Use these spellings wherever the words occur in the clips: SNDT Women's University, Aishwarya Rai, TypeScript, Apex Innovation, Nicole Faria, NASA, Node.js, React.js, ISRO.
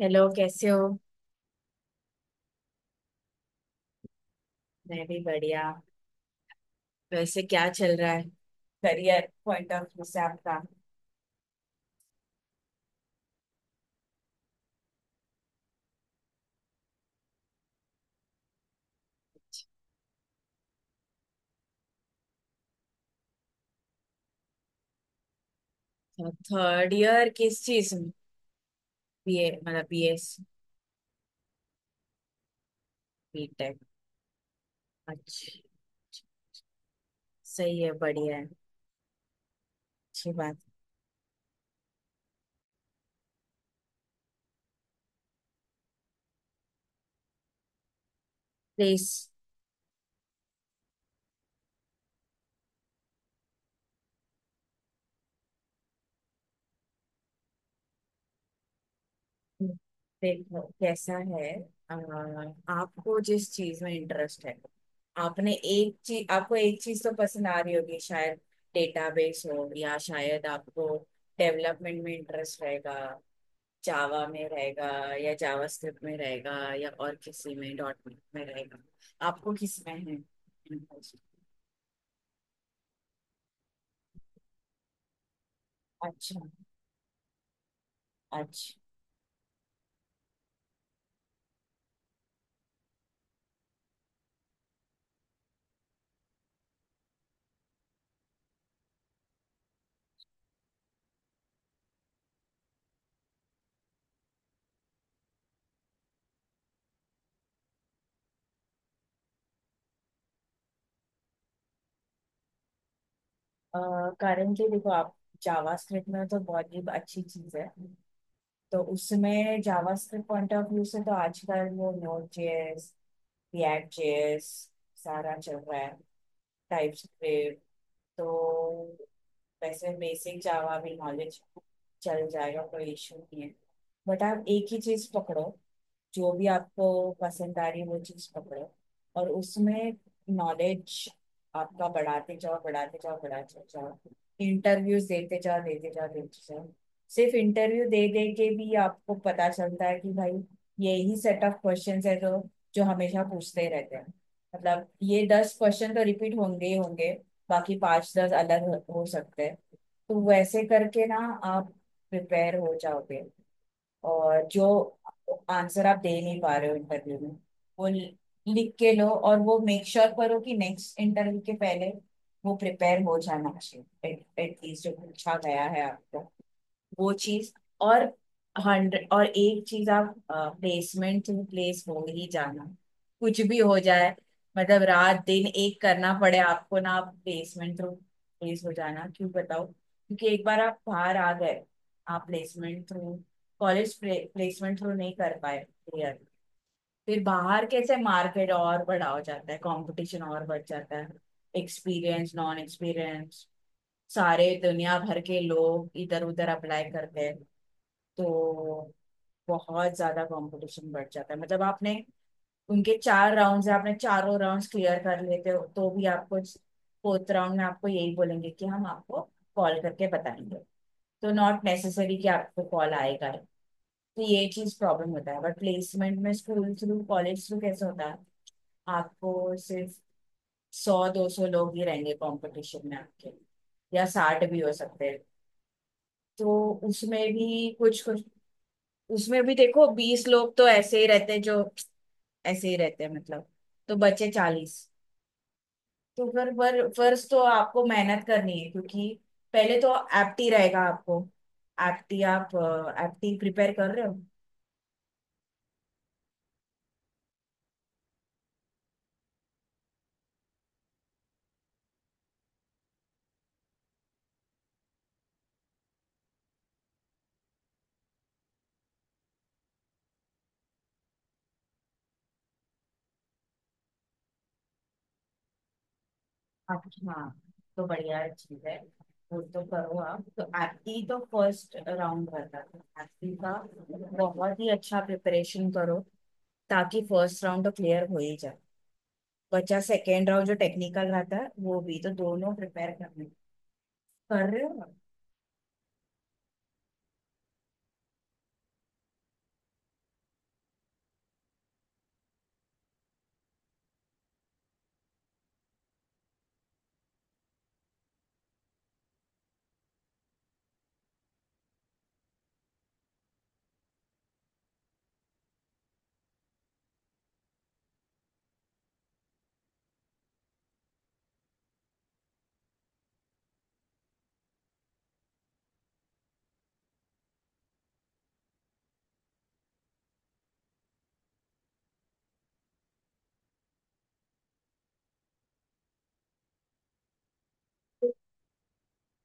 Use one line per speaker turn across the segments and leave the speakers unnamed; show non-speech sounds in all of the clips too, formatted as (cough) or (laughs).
Hello, कैसे हो। मैं भी बढ़िया। वैसे क्या चल रहा है करियर पॉइंट ऑफ व्यू से आपका? थर्ड ईयर किस चीज में? बीए मतलब बीएस? बीटेक, अच्छा। सही है, बढ़िया है। अच्छी बात। प्लीज। देखो कैसा है, अ, आपको जिस चीज में इंटरेस्ट है, आपने एक चीज, आपको एक चीज तो पसंद आ रही होगी शायद। डेटाबेस हो, या शायद आपको डेवलपमेंट में इंटरेस्ट रहेगा, जावा में रहेगा, या जावा स्क्रिप्ट में रहेगा, या और किसी में, डॉट नेट में रहेगा। आपको किस में है? अच्छा, अच्छा। करेंटली देखो, आप जावा स्क्रिप्ट में तो बहुत ही अच्छी चीज है। तो उसमें JavaScript point of view से तो आजकल वो नोड जेएस, रिएक्ट जेएस सारा चल रहा है, टाइप स्क्रिप्ट। तो वैसे बेसिक जावा भी नॉलेज चल जाएगा, कोई इशू नहीं है। बट आप एक ही चीज पकड़ो, जो भी आपको पसंद आ रही है वो चीज पकड़ो, और उसमें नॉलेज आपका बढ़ाते जाओ बढ़ाते जाओ बढ़ाते जाओ। इंटरव्यूज देते जाओ देते जाओ देते जाओ। सिर्फ इंटरव्यू दे दे के भी आपको पता चलता है कि भाई, यही सेट ऑफ क्वेश्चंस है जो जो हमेशा पूछते रहते हैं। मतलब ये 10 क्वेश्चन तो रिपीट होंगे ही होंगे, बाकी 5-10 अलग हो सकते हैं। तो वैसे करके ना आप प्रिपेयर हो जाओगे। और जो आंसर आप दे नहीं पा रहे हो इंटरव्यू में, वो लि- लिख के लो, और वो मेक श्योर करो कि नेक्स्ट इंटरव्यू के पहले वो प्रिपेयर हो जाना चाहिए, एटलीस्ट जो पूछा गया है आपको वो चीज। और 100 और एक चीज, आप प्लेसमेंट टू प्लेस हो ही जाना, कुछ भी हो जाए। मतलब रात दिन एक करना पड़े आपको ना, आप प्लेसमेंट थ्रू प्लेस हो जाना। क्यों बताओ? क्योंकि एक बार आप बाहर आ गए, आप placement through, college placement through नहीं कर पाए क्लियर, फिर बाहर कैसे, मार्केट और बड़ा हो जाता है, कंपटीशन और बढ़ जाता है। एक्सपीरियंस, नॉन एक्सपीरियंस, सारे दुनिया भर के लोग इधर उधर अप्लाई करते हैं। तो बहुत ज्यादा कंपटीशन बढ़ जाता है। मतलब आपने, उनके 4 राउंड्स है, आपने चारों राउंड्स क्लियर कर लेते हो तो भी आपको फोर्थ राउंड में आपको यही बोलेंगे कि हम आपको कॉल करके बताएंगे। तो नॉट नेसेसरी कि आपको कॉल आएगा ही। तो ये चीज प्रॉब्लम होता है। बट प्लेसमेंट में, स्कूल थ्रू, कॉलेज थ्रू कैसे होता है, आपको सिर्फ 100-200 लोग ही रहेंगे कंपटीशन में आपके, या 60 भी हो सकते हैं। तो उसमें भी कुछ कुछ, उसमें भी देखो 20 लोग तो ऐसे ही रहते हैं, जो ऐसे ही रहते हैं मतलब, तो बचे 40। तो फिर पर फर्स्ट तो आपको मेहनत करनी है क्योंकि पहले तो एप्टी रहेगा आपको। एप्टी आप, एप्टी प्रिपेयर कर रहे हो आप? हाँ, तो बढ़िया चीज है, वो तो करो। आप तो एप्टी तो फर्स्ट राउंड रहता है एप्टी का, बहुत ही अच्छा प्रिपरेशन करो ताकि फर्स्ट राउंड तो क्लियर हो ही जाए। बचा सेकेंड राउंड, जो टेक्निकल रहता है, वो भी तो दोनों प्रिपेयर करने कर रहे हो आप?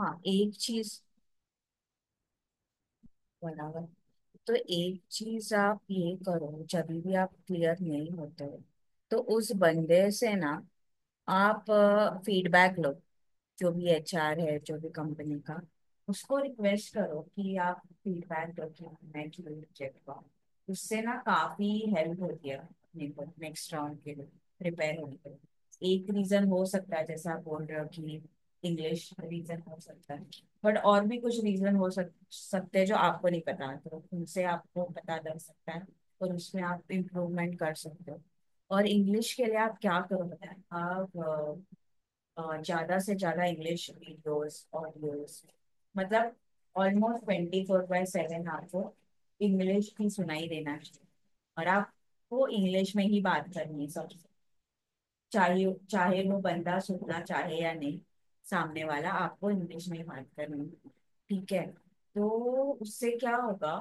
हाँ, एक चीज, बराबर। तो एक चीज आप ये करो, जब भी आप क्लियर नहीं होते हो, तो उस बंदे से ना आप फीडबैक लो, जो भी एचआर है, जो भी कंपनी का, उसको रिक्वेस्ट करो कि आप फीडबैक दो कि मैं क्यों रिजेक्ट हुआ। उससे ना काफी हेल्प होती है अपने को नेक्स्ट राउंड के लिए प्रिपेयर होने के लिए। एक रीजन हो सकता है जैसा आप बोल रहे हो कि इंग्लिश रीजन हो सकता है, बट और भी कुछ रीजन हो सकते हैं जो आपको नहीं पता, तो उनसे आपको पता लग सकता है और उसमें आप इम्प्रूवमेंट कर सकते हो। और इंग्लिश के लिए आप क्या करो बताएं आप, ज़्यादा से ज़्यादा इंग्लिश वीडियोस, ऑडियोस, मतलब ऑलमोस्ट 24/7 आपको इंग्लिश ही सुनाई देना चाहिए। और आपको इंग्लिश में ही बात करनी है सबसे, चाहे चाहे वो बंदा सुनना चाहे या नहीं, सामने वाला, आपको इंग्लिश में ही बात करनी है, ठीक है? तो उससे क्या होगा,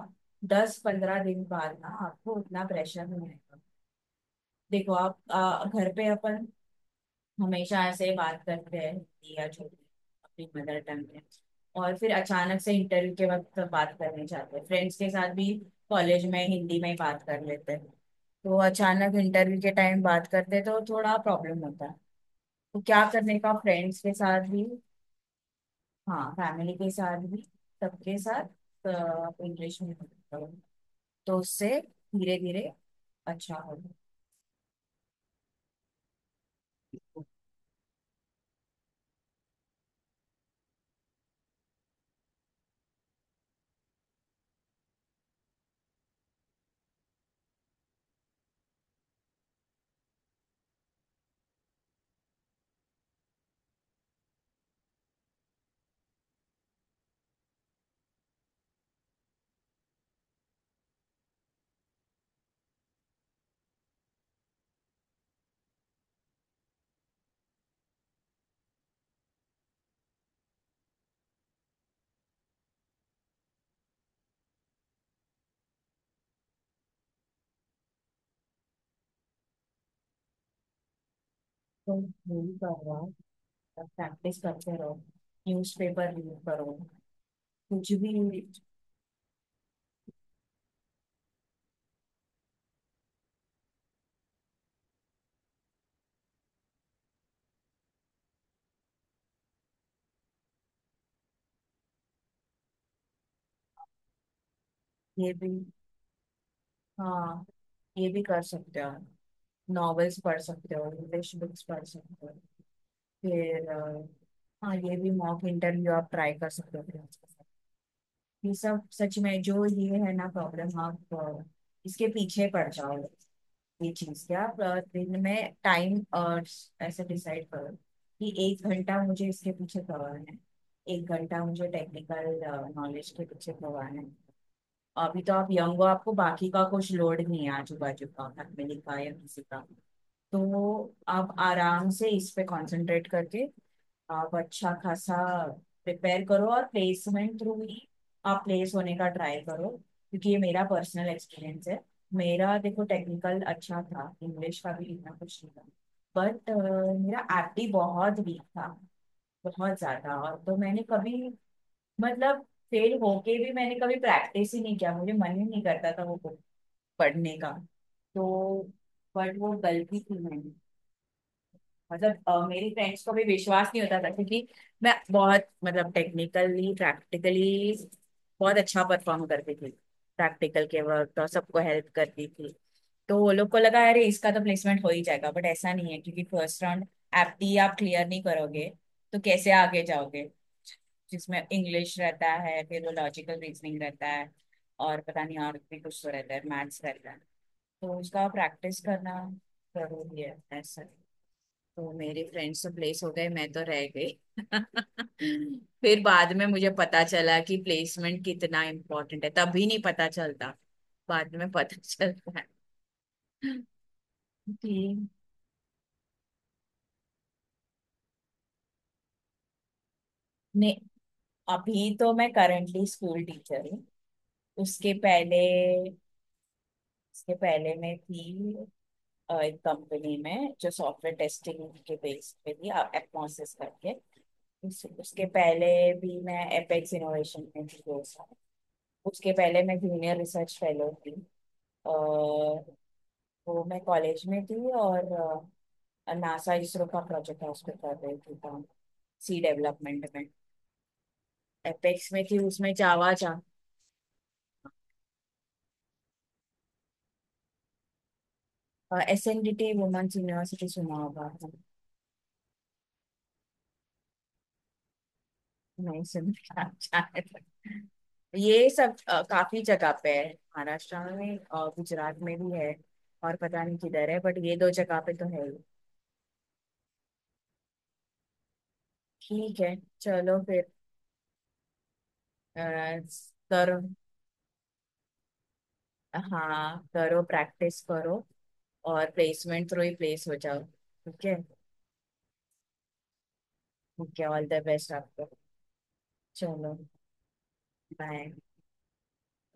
10-15 दिन बाद ना आपको उतना प्रेशर नहीं रहेगा। देखो आप, घर पे अपन हमेशा ऐसे बात करते हैं हिंदी या जो भी अपनी मदर टंग है, और फिर अचानक से इंटरव्यू के वक्त बात करने जाते हैं, फ्रेंड्स के साथ भी कॉलेज में हिंदी में ही बात कर लेते हैं, तो अचानक इंटरव्यू के टाइम बात करते हैं तो थोड़ा प्रॉब्लम होता है। तो क्या करने का, फ्रेंड्स के साथ भी, हाँ, फैमिली के साथ भी, सबके साथ इंग्लिश में बात करो। तो उससे धीरे धीरे अच्छा होगा। तो यही कर रहा हूँ, प्रैक्टिस करते रहो, न्यूज़पेपर रीड करो, कुछ भी। ये भी, हाँ, ये भी कर सकते हो, नॉवेल्स पढ़ सकते हो, इंग्लिश बुक्स पढ़ सकते हो। फिर हाँ, ये भी मॉक इंटरव्यू आप ट्राई कर सकते हो friends के साथ। ये सब सच में जो ये है ना प्रॉब्लम, आप इसके पीछे पड़ जाओ। ये चीज, क्या आप दिन में टाइम ऐसे डिसाइड करो कि 1 घंटा मुझे इसके पीछे करवाना है, 1 घंटा मुझे टेक्निकल नॉलेज के पीछे करवाना है। अभी तो आप यंग हो, आपको बाकी का कुछ लोड नहीं है, आजू बाजू का, फैमिली का, या किसी का। तो आप आराम से इस पे कंसंट्रेट करके आप अच्छा खासा प्रिपेयर करो, और प्लेसमेंट थ्रू ही आप प्लेस होने का ट्राई करो, क्योंकि ये मेरा पर्सनल एक्सपीरियंस है। मेरा देखो टेक्निकल अच्छा था, इंग्लिश का भी इतना कुछ नहीं था, बट मेरा एप्टी बहुत वीक था, बहुत ज्यादा। और तो मैंने कभी, मतलब फेल होके भी मैंने कभी प्रैक्टिस ही नहीं किया, मुझे मन ही नहीं करता था वो बुक पढ़ने का। तो बट वो गलती थी मैंने। मतलब मेरी फ्रेंड्स को भी विश्वास नहीं होता था क्योंकि मैं बहुत, मतलब टेक्निकली, प्रैक्टिकली बहुत अच्छा परफॉर्म करती थी, प्रैक्टिकल के वर्क और सबको हेल्प करती थी। तो वो लोग को लगा अरे इसका तो प्लेसमेंट हो ही जाएगा, बट ऐसा नहीं है क्योंकि फर्स्ट राउंड एप्टी आप क्लियर नहीं करोगे तो कैसे आगे जाओगे, जिसमें इंग्लिश रहता है, फिर वो लॉजिकल रीजनिंग रहता है, और पता नहीं और भी कुछ तो रहता है, मैथ्स रहता है। तो उसका प्रैक्टिस करना जरूरी है, ऐसा। तो मेरे फ्रेंड्स तो प्लेस हो गए, मैं तो रह गई। (laughs) फिर बाद में मुझे पता चला कि प्लेसमेंट कितना इम्पोर्टेंट है, तभी नहीं पता चलता, बाद में पता (laughs) चलता है। कि नहीं, अभी तो मैं करंटली स्कूल टीचर हूँ। उसके पहले, उसके पहले मैं थी एक कंपनी में जो सॉफ्टवेयर टेस्टिंग के बेस पे थी, एटमॉसिस करके। उसके पहले भी मैं एपेक्स इनोवेशन में थी 2 साल। उसके पहले मैं जूनियर रिसर्च फेलो थी, अ, वो मैं कॉलेज में थी, और नासा इसरो का प्रोजेक्ट है उस पर कर रही थी काम, सी डेवलपमेंट में। एपेक्स में थी उसमें जावा जा। SNDT वुमेन्स यूनिवर्सिटी सुना होगा? नहीं सुन (laughs) ये सब काफी जगह पे है, महाराष्ट्र में, और गुजरात में भी है, और पता नहीं किधर है, बट ये दो जगह पे तो है ही। ठीक है, चलो फिर। अ, करो, हाँ करो, प्रैक्टिस करो, और प्लेसमेंट थ्रू ही प्लेस हो जाओ, ठीक है। ठीक है, ऑल द बेस्ट आपको, चलो, बाय।